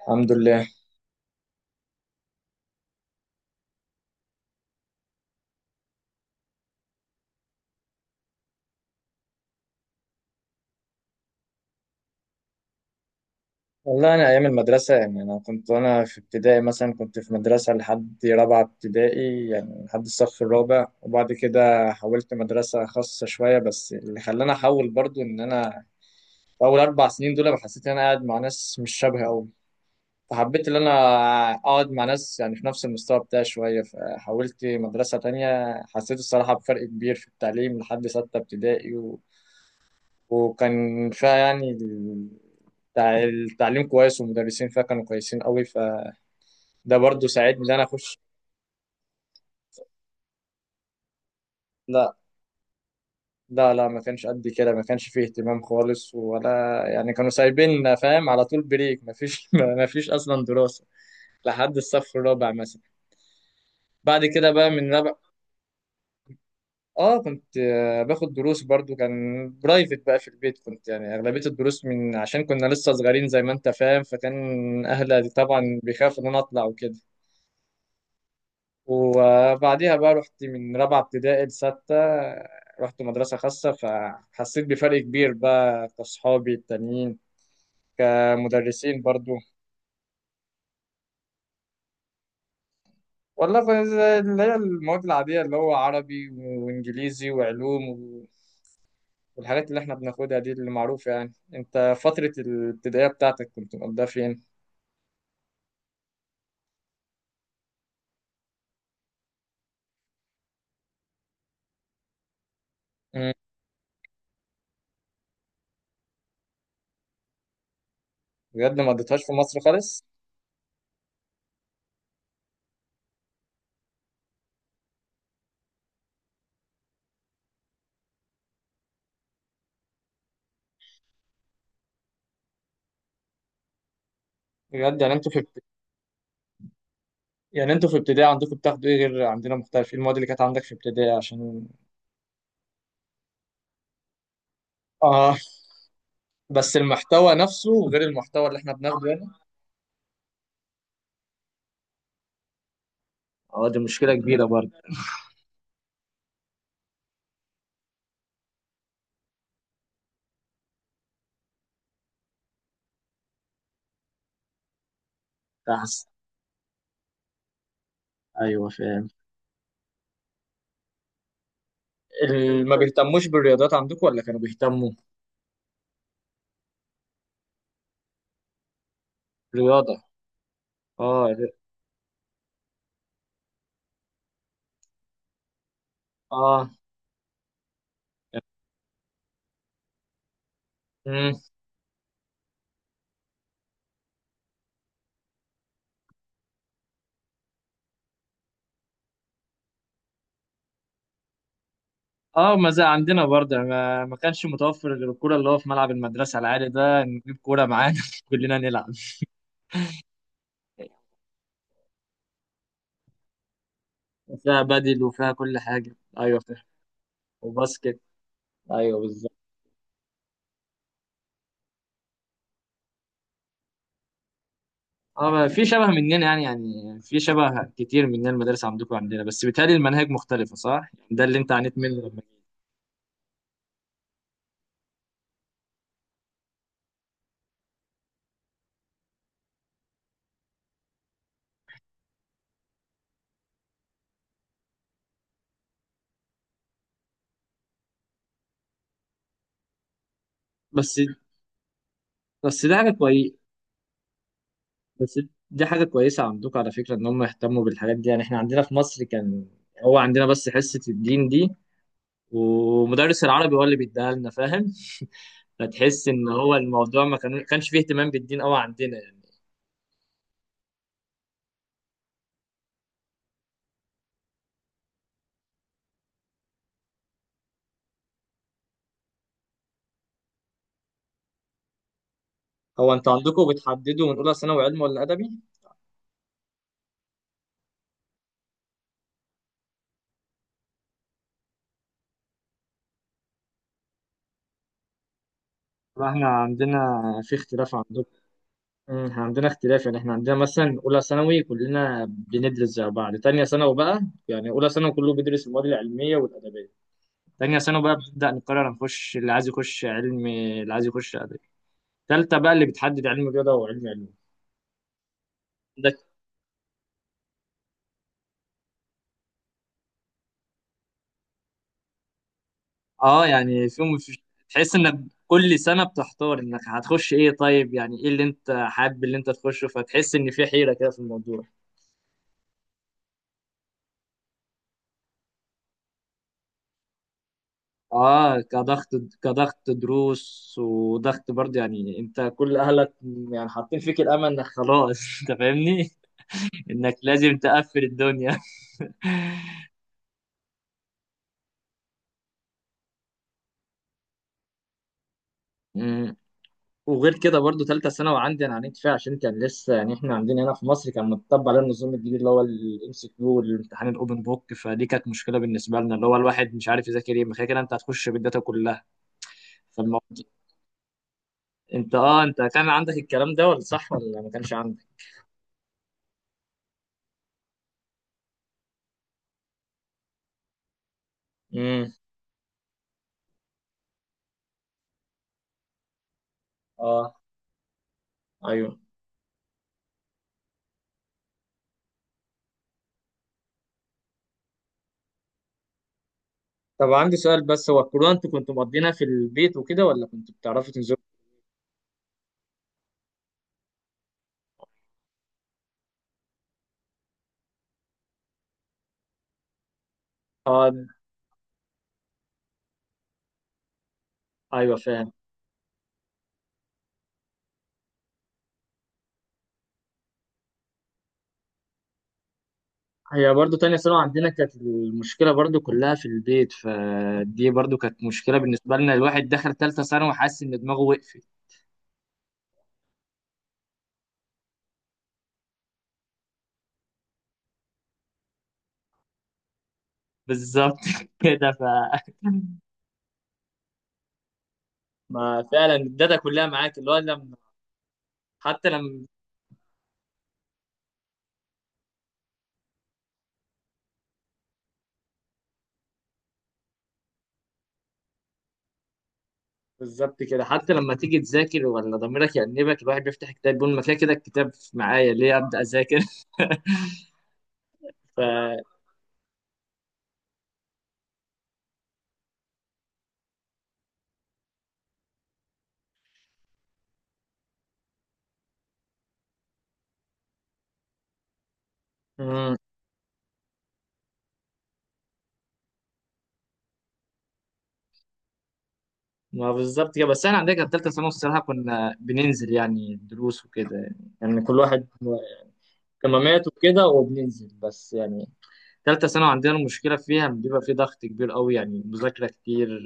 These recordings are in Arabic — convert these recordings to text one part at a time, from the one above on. الحمد لله. والله أنا أيام المدرسة، أنا كنت وأنا في ابتدائي مثلا كنت في مدرسة لحد رابعة ابتدائي، يعني لحد الصف الرابع، وبعد كده حولت مدرسة خاصة شوية. بس اللي خلاني أحول برضو إن أنا في أول أربع سنين دول أنا حسيت إن أنا قاعد مع ناس مش شبهي أوي، فحبيت إن أنا أقعد مع ناس يعني في نفس المستوى بتاعي شوية، فحولت مدرسة تانية. حسيت الصراحة بفرق كبير في التعليم لحد ستة ابتدائي، وكان فيها يعني التعليم كويس والمدرسين فيها كانوا كويسين قوي، فده برضو ساعدني ان انا اخش. لا لا لا، ما كانش قد كده، ما كانش فيه اهتمام خالص ولا يعني، كانوا سايبيننا فاهم؟ على طول بريك، ما فيش ما فيش اصلا دراسة لحد الصف الرابع مثلا. بعد كده بقى من رابع، اه كنت باخد دروس برضو، كان برايفت بقى في البيت، كنت يعني اغلبية الدروس، من عشان كنا لسه صغيرين زي ما انت فاهم، فكان اهلي طبعا بيخافوا ان انا اطلع وكده. وبعديها بقى رحت من رابعة ابتدائي لستة، رحت مدرسة خاصة، فحسيت بفرق كبير بقى كأصحابي التانيين. كمدرسين برضو، والله زي اللي هي المواد العادية اللي هو عربي وإنجليزي وعلوم و- والحاجات اللي احنا بناخدها دي اللي معروفة. يعني انت فترة الابتدائية بتاعتك كنت مقضيها فين؟ مم. بجد ما قضيتهاش في مصر خالص؟ بجد يعني انتوا في ابتدائي عندكم بتاخدوا ايه؟ غير عندنا مختلف، ايه المواد اللي كانت عندك في ابتدائي عشان؟ اه. بس المحتوى نفسه غير المحتوى اللي احنا بناخده هنا. اه دي مشكلة كبيرة برضه. تحس. ايوه فاهم. ما بيهتموش بالرياضات عندكم ولا كانوا بيهتموا؟ رياضة. اه ر- اه. امم. اه ما زي عندنا برضه، ما كانش متوفر غير الكورة، اللي هو في ملعب المدرسة العالي ده نجيب كورة معانا كلنا نلعب. فيها بدل وفيها كل حاجة، ايوه فاهم. وباسكت. ايوه بالظبط. اه بقى في شبه مننا، يعني في شبه كتير مننا، المدارس عندكم عندنا، بس بيتهيألي المناهج مختلفة صح؟ يعني ده اللي انت عانيت منه لما جيت. بس بس ده حاجة كويسة. بس دي حاجة كويسة عندكم على فكرة، ان هم يهتموا بالحاجات دي. يعني احنا عندنا في مصر كان، هو عندنا بس حصة الدين دي، ومدرس العربي هو اللي بيديها لنا، فاهم؟ فتحس ان هو الموضوع ما كان- كانش فيه اهتمام بالدين قوي عندنا يعني. هو انتوا عندكم بتحددوا من اولى ثانوي علم ولا ادبي؟ لا، احنا عندنا في اختلاف عندكم. مم، احنا عندنا اختلاف. يعني احنا عندنا مثلا اولى ثانوي كلنا بندرس زي بعض، تانية ثانوي بقى، يعني اولى ثانوي كله بيدرس المواد العلميه والادبيه، تانية ثانوي بقى بنبدا نقرر نخش اللي عايز يخش علم اللي عايز يخش ادبي، تالتة بقى اللي بتحدد علم رياضه وعلم علوم. عندك. اه يعني فيهم في... تحس انك كل سنه بتحتار انك هتخش ايه، طيب يعني ايه اللي انت حابب اللي انت تخشه، فتحس ان في حيره كده في الموضوع. اه كضغط، كضغط دروس وضغط برضه، يعني انت كل اهلك يعني حاطين فيك الامل، انك خلاص انت فاهمني، انك لازم تقفل الدنيا. أمم. وغير كده برضه ثالثه ثانوي عندي انا عانيت فيها، عشان كان لسه يعني احنا عندنا هنا في مصر كان متطبق على النظام الجديد اللي هو الام سي كيو والامتحان الاوبن بوك، فدي كانت مشكله بالنسبه لنا، اللي هو الواحد مش عارف يذاكر ايه، ما كده كده انت هتخش بالداتا كلها. فالموضوع، انت اه انت كان عندك الكلام ده ولا صح ولا ما كانش عندك؟ امم. اه. ايوه. طب عندي سؤال بس، هو الكورونا انتوا كنتوا مقضينها في البيت وكده ولا كنتوا بتعرفوا تنزلوا؟ اه. ايوه فاهم. هي برضو تانية ثانوي عندنا كانت المشكلة برضو كلها في البيت، فدي برضو كانت مشكلة بالنسبة لنا، الواحد دخل تالتة ثانوي وحاسس إن دماغه وقفت. بالظبط كده ف. ما فعلا الداتا كلها معاك، اللي هو لما. حتى لما. بالظبط كده، حتى لما تيجي تذاكر ولا ضميرك يأنبك، الواحد بيفتح كتاب يقول ما كده كده الكتاب معايا ليه أبدأ أذاكر. ف. ما بالظبط كده، بس احنا عندنا كانت ثالثه ثانوي الصراحه كنا بننزل يعني دروس وكده، يعني كل واحد اهتمامات وكده وبننزل، بس يعني ثالثه ثانوي عندنا المشكله فيها بيبقى في ضغط كبير قوي، يعني مذاكره كتير.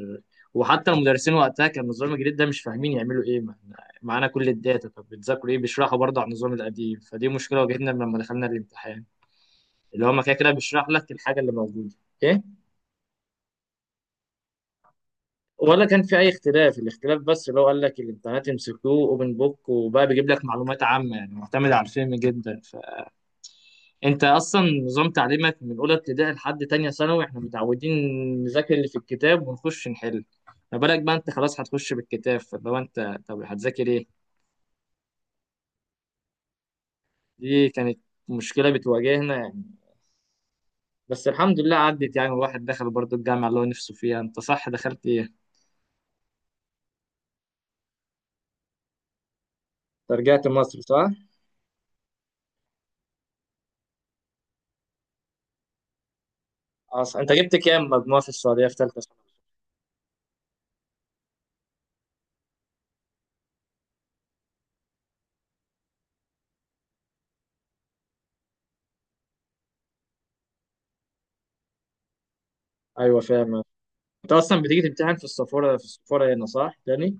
وحتى المدرسين وقتها كان النظام الجديد ده مش فاهمين يعملوا ايه، ما إحنا معانا كل الداتا، طب بتذاكروا ايه؟ بيشرحوا برضه على النظام القديم، فدي مشكله واجهتنا لما دخلنا الامتحان، اللي هو ما كده كده بيشرح لك الحاجه اللي موجوده. إيه؟ ولا كان في اي اختلاف؟ الاختلاف بس اللي هو قال لك الامتحانات يمسكوه اوبن بوك، وبقى بيجيب لك معلومات عامه، يعني معتمد على الفهم جدا. فانت اصلا نظام تعليمك من اولى ابتدائي لحد تانية ثانوي احنا متعودين نذاكر اللي في الكتاب ونخش نحل. ما بالك بقى انت خلاص هتخش بالكتاب، فاللي هو انت طب هتذاكر ايه؟ دي كانت مشكله بتواجهنا يعني. بس الحمد لله عدت، يعني الواحد دخل برضه الجامعه اللي هو نفسه فيها. انت صح دخلت ايه؟ أنت رجعت مصر صح؟ أصلا انت جبت كام مجموع في السعوديه في ثالثه ثانوي؟ ايوه فاهم. انت اصلا بتيجي تمتحن في السفاره، في السفاره هنا صح تاني؟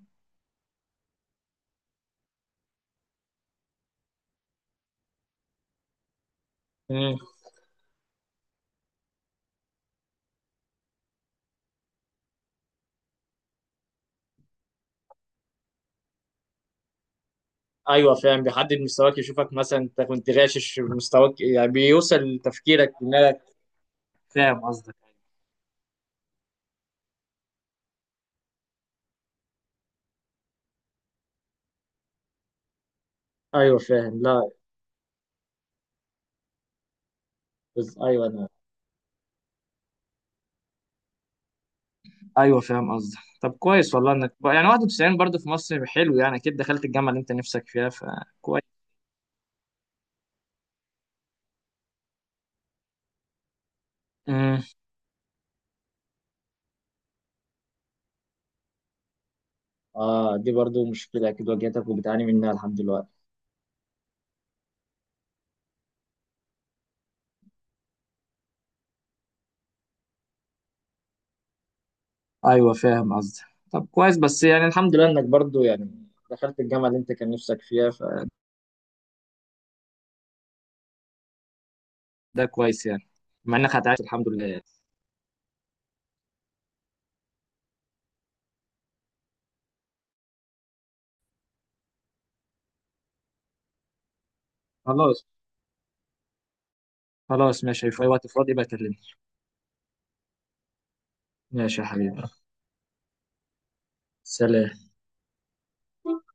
امم. ايوه فاهم، بيحدد مستواك، يشوفك مثلا انت كنت غاشش في مستواك يعني، بيوصل تفكيرك انك. فاهم قصدك. ايوه فاهم. لا. بس ايوه انا. ايوه فاهم قصدك. طب كويس والله، يعني 91 برضه في مصر حلو، يعني اكيد دخلت الجامعه اللي انت نفسك فيها، فكويس. امم. اه دي برضو مشكله اكيد واجهتك وبتعاني منها لحد دلوقتي. ايوه فاهم قصدك. طب كويس، بس يعني الحمد لله انك برضو يعني دخلت الجامعه اللي انت كان نفسك فيها. ده كويس يعني، مع انك هتعيش الحمد لله يعني. خلاص. خلاص ماشي، في اي وقت فاضي بكلمني. ماشي يا حبيبي. سلام.